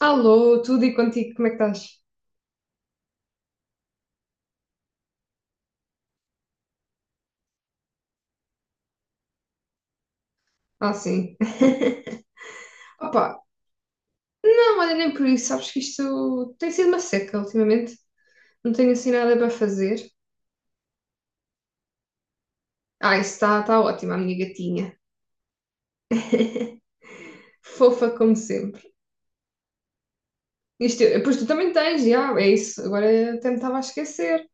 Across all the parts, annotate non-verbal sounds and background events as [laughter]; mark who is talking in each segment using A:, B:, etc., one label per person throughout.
A: Alô, tudo e contigo, como é que estás? Ah, sim. [laughs] Opa, não, olha, nem por isso, sabes que isto tem sido uma seca ultimamente. Não tenho assim nada para fazer. Ah, isso está tá tá ótimo, a minha gatinha. Fofa como sempre. Isto, pois tu também tens, já, é isso. Agora até me estava a esquecer.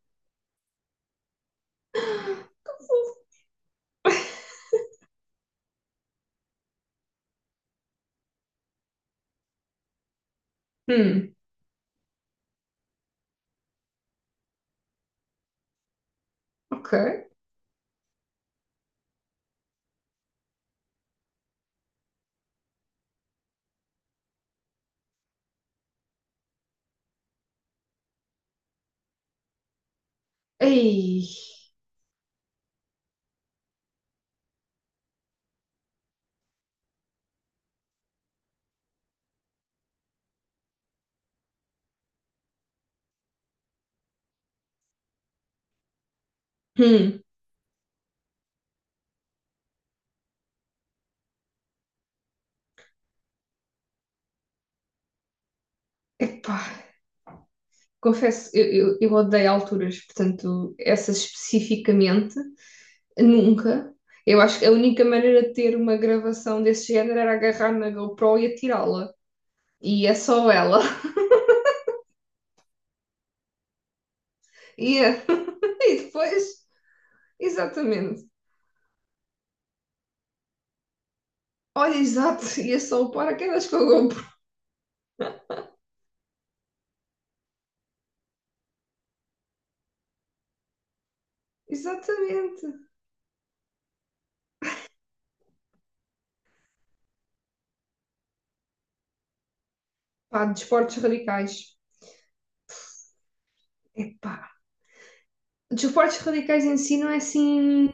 A: Hum, ok. Ei, hum, epá. Confesso, eu odeio alturas, portanto, essas especificamente. Nunca. Eu acho que a única maneira de ter uma gravação desse género era agarrar na GoPro e atirá-la. E é só ela. [laughs] E, [laughs] e depois, exatamente. Olha, exato, ia só o paraquedas com a GoPro. Exatamente. Pá, desportos radicais. Epá. Desportos radicais em si não é assim.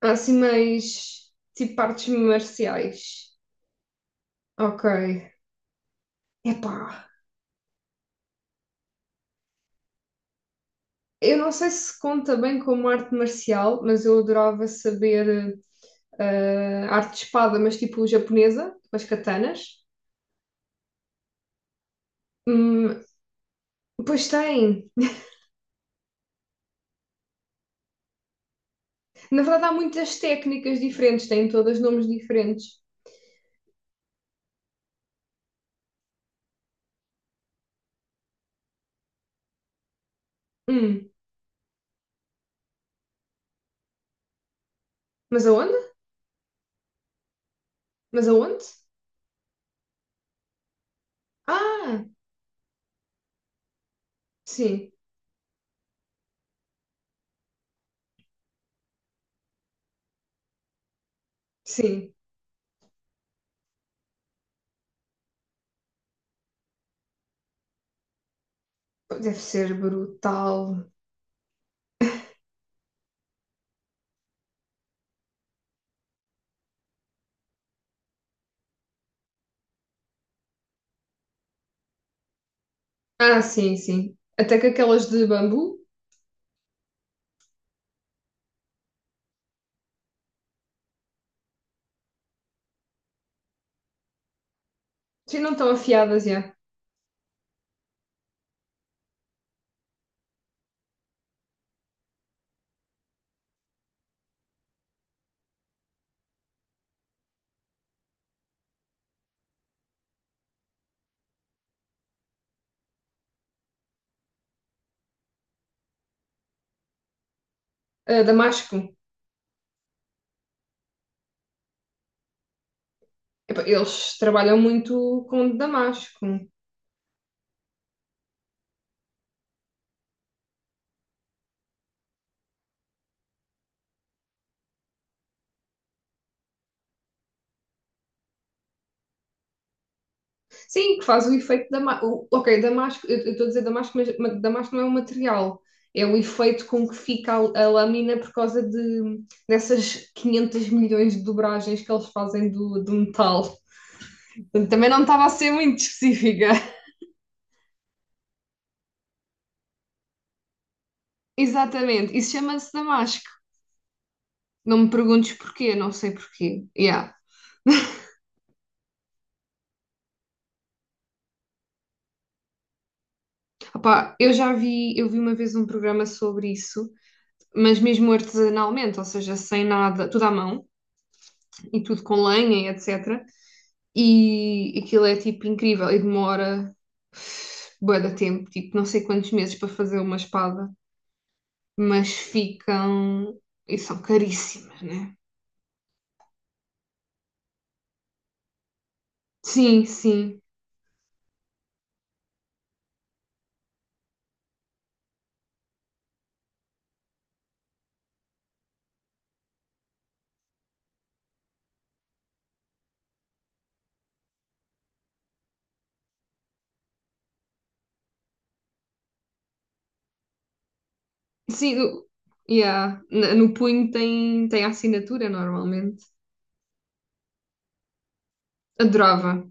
A: Há assim mais. Tipo artes marciais. Ok. Epá. Eu não sei se conta bem como arte marcial, mas eu adorava saber. Ah, arte de espada, mas tipo japonesa, com as katanas. Hum, pois tem. Na verdade, há muitas técnicas diferentes, têm todas nomes diferentes. Hum, mas aonde? Mas aonde? Ah, sim, sim. Deve ser brutal. Ah, sim, sim. Até que aquelas de bambu, sim, não estão afiadas já. Ah, damasco. Epá, eles trabalham muito com damasco. Sim, que faz o efeito da o Ok, damasco, eu estou a dizer damasco, mas damasco não é um material. É o efeito com que fica a, lâmina por causa de, dessas 500 milhões de dobragens que eles fazem do metal. Também não estava a ser muito específica. [laughs] Exatamente, isso chama-se damasco. Não me perguntes porquê, não sei porquê. Yeah. Opá, eu já vi, eu vi uma vez um programa sobre isso, mas mesmo artesanalmente, ou seja, sem nada, tudo à mão e tudo com lenha e etc. E aquilo é tipo incrível e demora bué de tempo, tipo não sei quantos meses para fazer uma espada, mas ficam e são caríssimas, né? Sim, sim. Sim, o- yeah. No punho tem a assinatura normalmente. Adorava.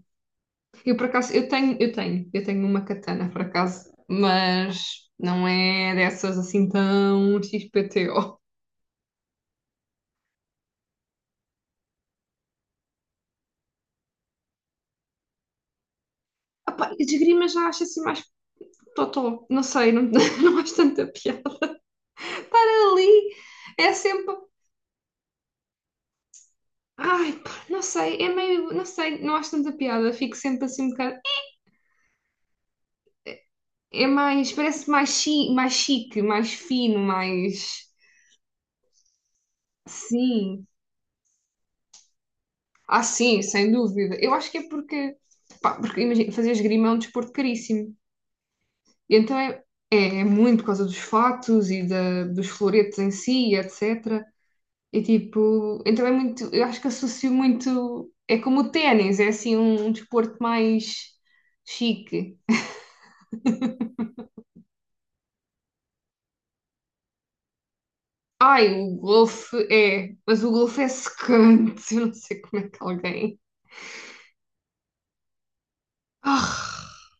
A: Eu por acaso, eu tenho uma katana por acaso, mas não é dessas assim tão XPTO. Ah pá, esgrima já acho assim mais totó, não sei, não, [laughs] não acho tanta piada. Ali é sempre. Ai, pá, não sei, é meio. Não sei, não acho tanta piada, fico sempre assim um bocado. É mais. Parece mais, chique mais chique, mais fino, mais. Sim. Ah, sim, sem dúvida. Eu acho que é porque. Pá, porque imagina, fazer esgrima é um desporto caríssimo. E então é, é muito por causa dos fatos e da, dos floretes em si, etc. E tipo, então é muito. Eu acho que associo muito. É como o ténis, é assim um desporto mais chique. Ai, o golfe é. Mas o golfe é secante. [laughs] Eu não sei como é que alguém. Ah,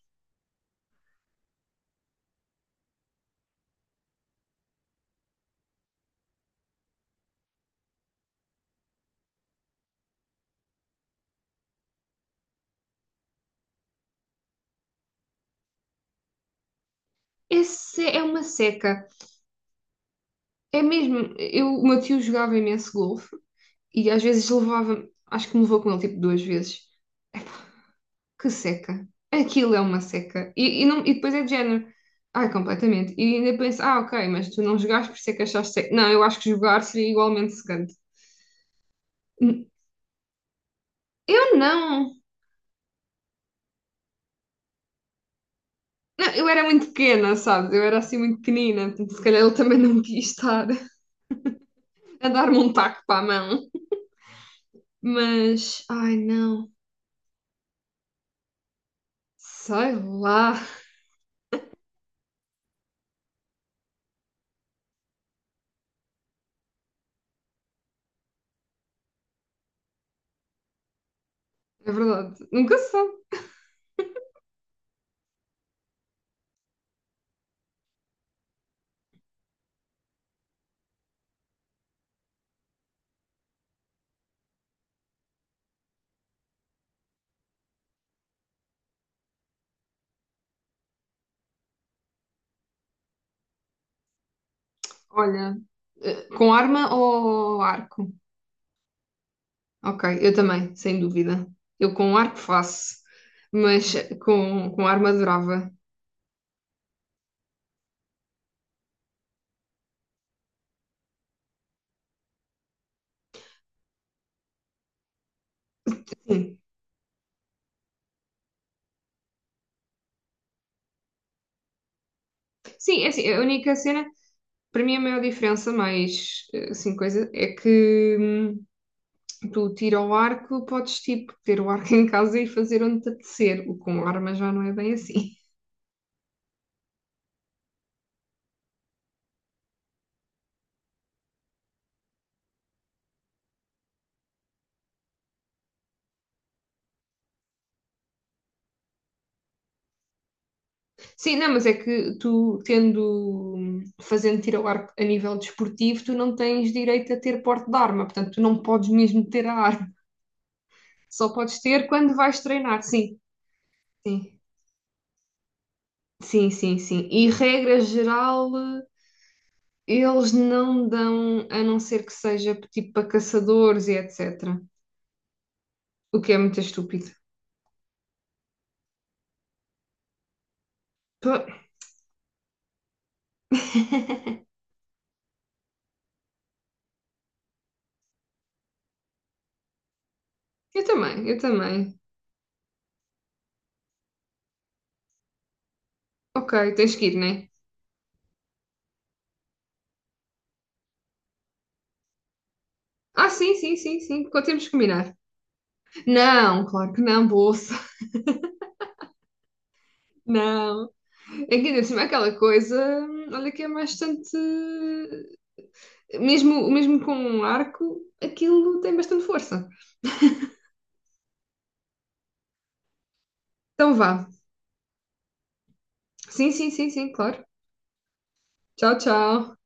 A: esse é uma seca. É mesmo. Eu, o meu tio jogava imenso golfe e às vezes levava. Acho que me levou com ele tipo duas vezes. Que seca. Aquilo é uma seca. E, não, e depois é de género. Ai, completamente. E ainda penso, ah, ok, mas tu não jogaste por ser que achaste seca. Não, eu acho que jogar seria igualmente secante. Eu não. Não, eu era muito pequena, sabes? Eu era assim muito pequenina, portanto, se calhar ele também não quis estar. A dar-me um taco para a mão. Mas, ai não, sei lá. É verdade, nunca se sabe. Olha, com arma ou arco? Ok, eu também, sem dúvida. Eu com arco faço, mas com arma adorava. Sim, sim, é assim, a única cena, para mim a maior diferença, mais assim, coisa, é que tu tira o arco, podes tipo ter o arco [laughs] em casa e fazer onde te apetecer. O com arma já não é bem assim. Sim, não, mas é que tu, tendo, fazendo tiro ao arco a nível desportivo, tu não tens direito a ter porte de arma, portanto, tu não podes mesmo ter a arma, só podes ter quando vais treinar, sim, sim, sim, sim, sim. E regra geral, eles não dão, a não ser que seja tipo para caçadores e etc. O que é muito estúpido. Pá, eu também, eu também. Ok, tens que ir, né? Ah, sim, sim, sim, sim, temos que combinar. Não, claro que não, bolsa. [laughs] Não, é que ainda cima aquela coisa, olha que é bastante. Mesmo, mesmo com um arco, aquilo tem bastante força. Então vá. Sim, sim, sim, sim, claro. Tchau, tchau.